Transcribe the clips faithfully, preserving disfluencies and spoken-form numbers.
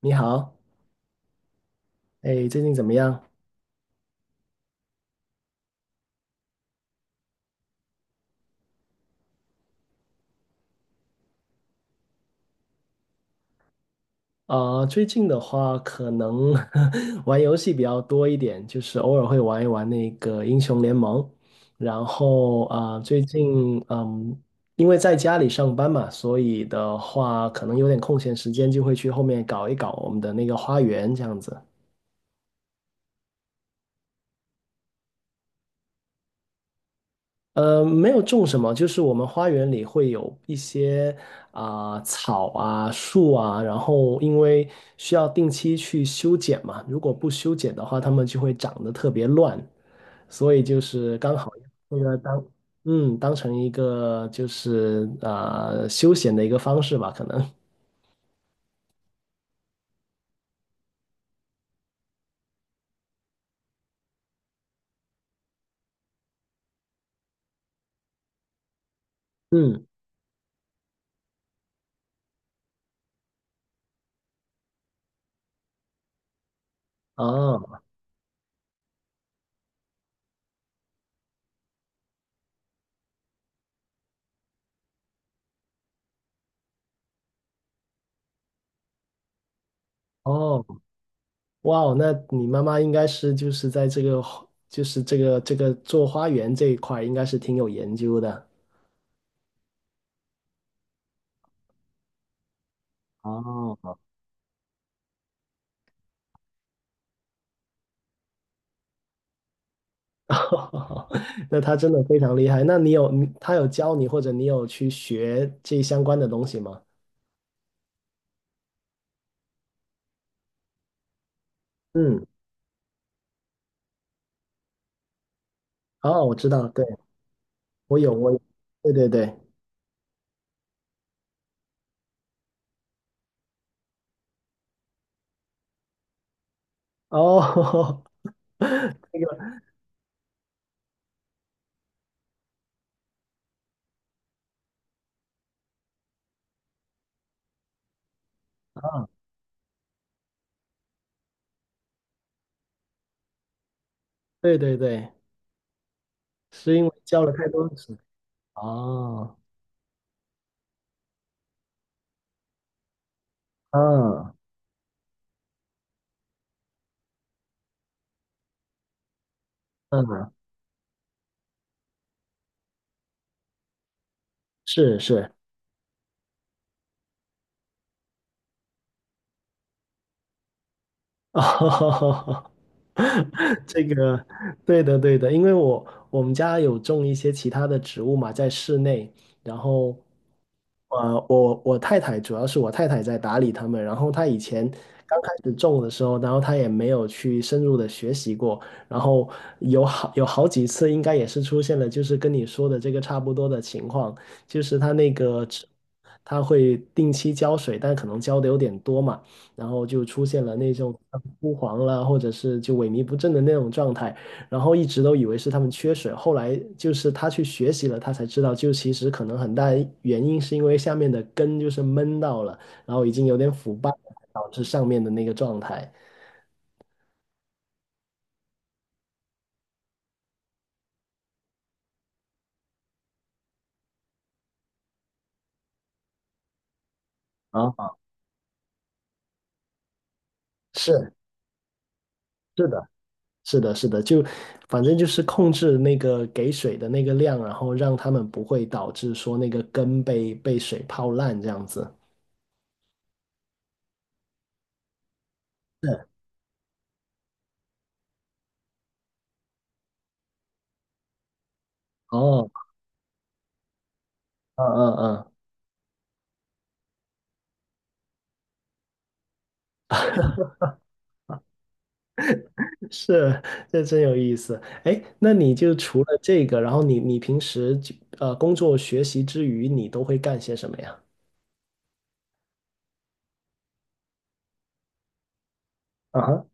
你好，哎，最近怎么样？啊、最近的话，可能 玩游戏比较多一点，就是偶尔会玩一玩那个英雄联盟。然后啊、最近嗯，因为在家里上班嘛，所以的话，可能有点空闲时间，就会去后面搞一搞我们的那个花园这样子。呃，没有种什么，就是我们花园里会有一些啊、草啊、树啊，然后因为需要定期去修剪嘛，如果不修剪的话，它们就会长得特别乱，所以就是刚好那个当嗯当成一个就是呃休闲的一个方式吧，可能。嗯。哦。哦。哇哦，那你妈妈应该是就是在这个就是这个这个做花园这一块儿应该是挺有研究的。哦，那他真的非常厉害。那你有你他有教你，或者你有去学这相关的东西吗？嗯。哦，我知道，对，我有，我有，对对对。哦，啊，对对对，是因为教了太多次。哦，嗯嗯，是是。哦，这个对的对的，因为我我们家有种一些其他的植物嘛，在室内，然后呃，我我太太主要是我太太在打理它们，然后她以前刚开始种的时候，然后她也没有去深入的学习过，然后有好有好几次应该也是出现了，就是跟你说的这个差不多的情况，就是它那个植它会定期浇水，但可能浇的有点多嘛。然后就出现了那种枯黄了，或者是就萎靡不振的那种状态，然后一直都以为是他们缺水，后来就是他去学习了，他才知道，就其实可能很大原因是因为下面的根就是闷到了，然后已经有点腐败了，导致上面的那个状态。啊，是。是的，是的，是的，就反正就是控制那个给水的那个量，然后让他们不会导致说那个根被被水泡烂这样子。是。哦，嗯嗯嗯。是，这真有意思。哎，那你就除了这个，然后你你平时就呃工作学习之余，你都会干些什么呀？啊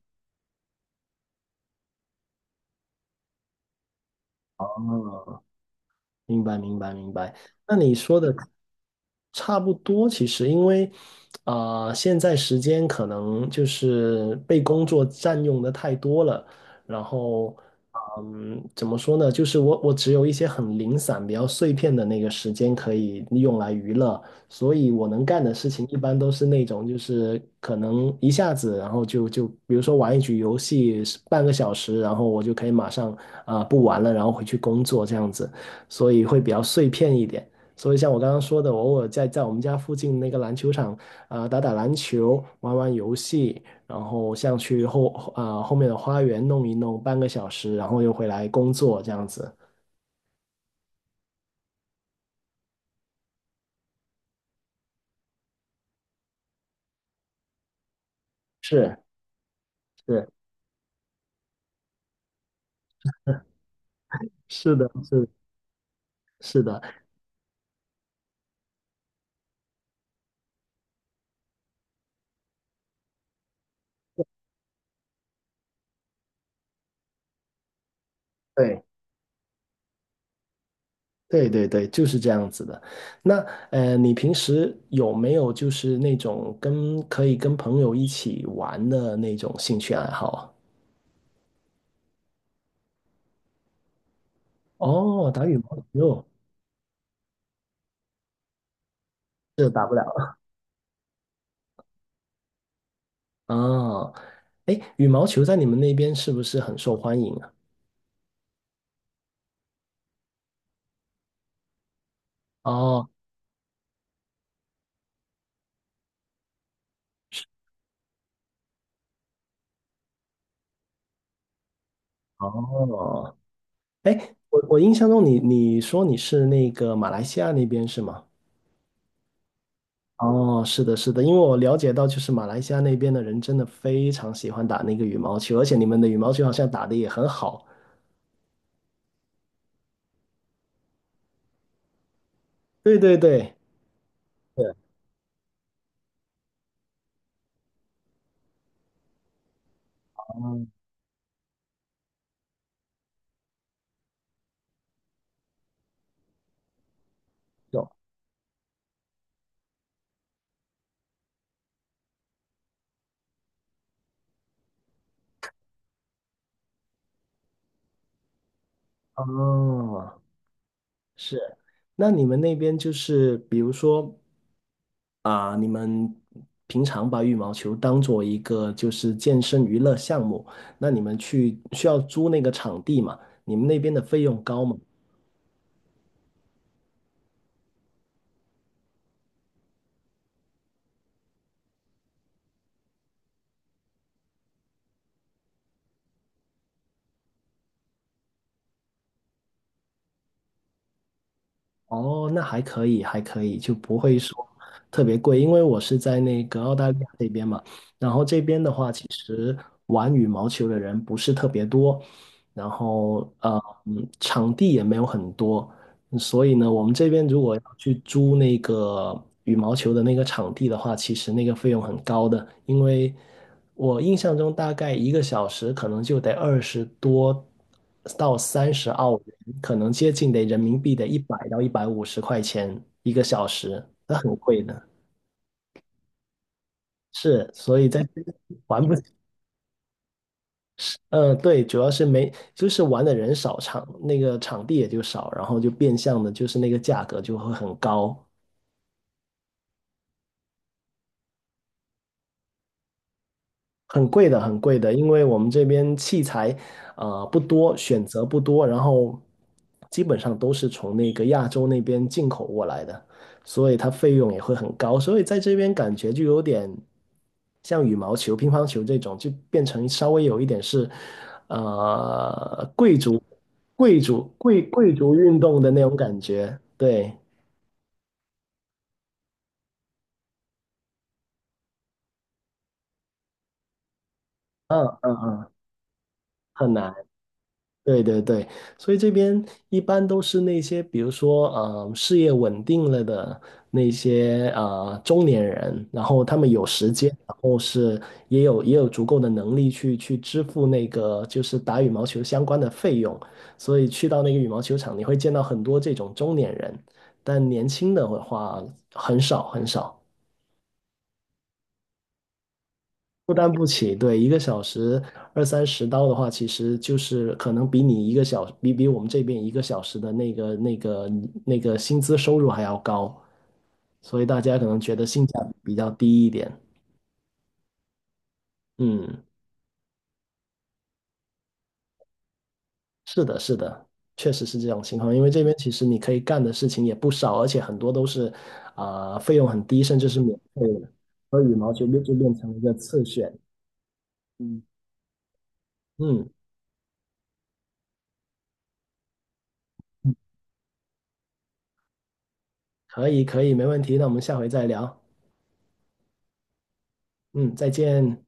哈。明白，明白，明白。那你说的差不多，其实因为，啊，现在时间可能就是被工作占用的太多了，然后，嗯，怎么说呢？就是我我只有一些很零散、比较碎片的那个时间可以用来娱乐，所以我能干的事情一般都是那种，就是可能一下子，然后就就比如说玩一局游戏半个小时，然后我就可以马上啊、不玩了，然后回去工作这样子。所以会比较碎片一点。所以像我刚刚说的，我偶尔在在我们家附近那个篮球场啊、呃打打篮球，玩玩游戏，然后像去后啊、呃后面的花园弄一弄半个小时，然后又回来工作这样子。是是。 是的，是是的，对对对对，就是这样子的。那呃，你平时有没有就是那种跟可以跟朋友一起玩的那种兴趣爱好啊？哦，打羽毛球，这打不了。哦，哎，羽毛球在你们那边是不是很受欢迎啊？哦。哦，哎，我我印象中你你说你是那个马来西亚那边是吗？哦，是的，是的，因为我了解到就是马来西亚那边的人真的非常喜欢打那个羽毛球，而且你们的羽毛球好像打得也很好。对对对，对。哦，有。哦。是，那你们那边就是比如说啊，你们平常把羽毛球当做一个就是健身娱乐项目，那你们去需要租那个场地嘛？你们那边的费用高吗？哦，那还可以，还可以，就不会说特别贵，因为我是在那个澳大利亚这边嘛，然后这边的话，其实玩羽毛球的人不是特别多，然后呃，嗯场地也没有很多。所以呢，我们这边如果要去租那个羽毛球的那个场地的话，其实那个费用很高的，因为我印象中大概一个小时可能就得二十多到三十澳元，可能接近得人民币得一百到一百五十块钱一个小时，那很贵的。是，所以在这边玩不，呃，对，主要是没，就是玩的人少，场那个场地也就少，然后就变相的，就是那个价格就会很高。很贵的，很贵的，因为我们这边器材呃不多，选择不多，然后基本上都是从那个亚洲那边进口过来的，所以它费用也会很高，所以在这边感觉就有点像羽毛球、乒乓球这种，就变成稍微有一点是呃贵族、贵族、贵贵族运动的那种感觉，对，嗯嗯嗯，很难。对对对，所以这边一般都是那些，比如说，呃，事业稳定了的那些呃中年人，然后他们有时间，然后是也有也有足够的能力去去支付那个就是打羽毛球相关的费用，所以去到那个羽毛球场，你会见到很多这种中年人，但年轻的话很少很少。负担不起，对，一个小时二三十刀的话，其实就是可能比你一个小，比比我们这边一个小时的那个那个那个薪资收入还要高，所以大家可能觉得性价比比较低一点。嗯，是的，是的，确实是这种情况，因为这边其实你可以干的事情也不少，而且很多都是啊、费用很低，甚至是免费的，所以羽毛球就就变成了一个次选。嗯嗯，可以可以，没问题，那我们下回再聊。嗯，再见。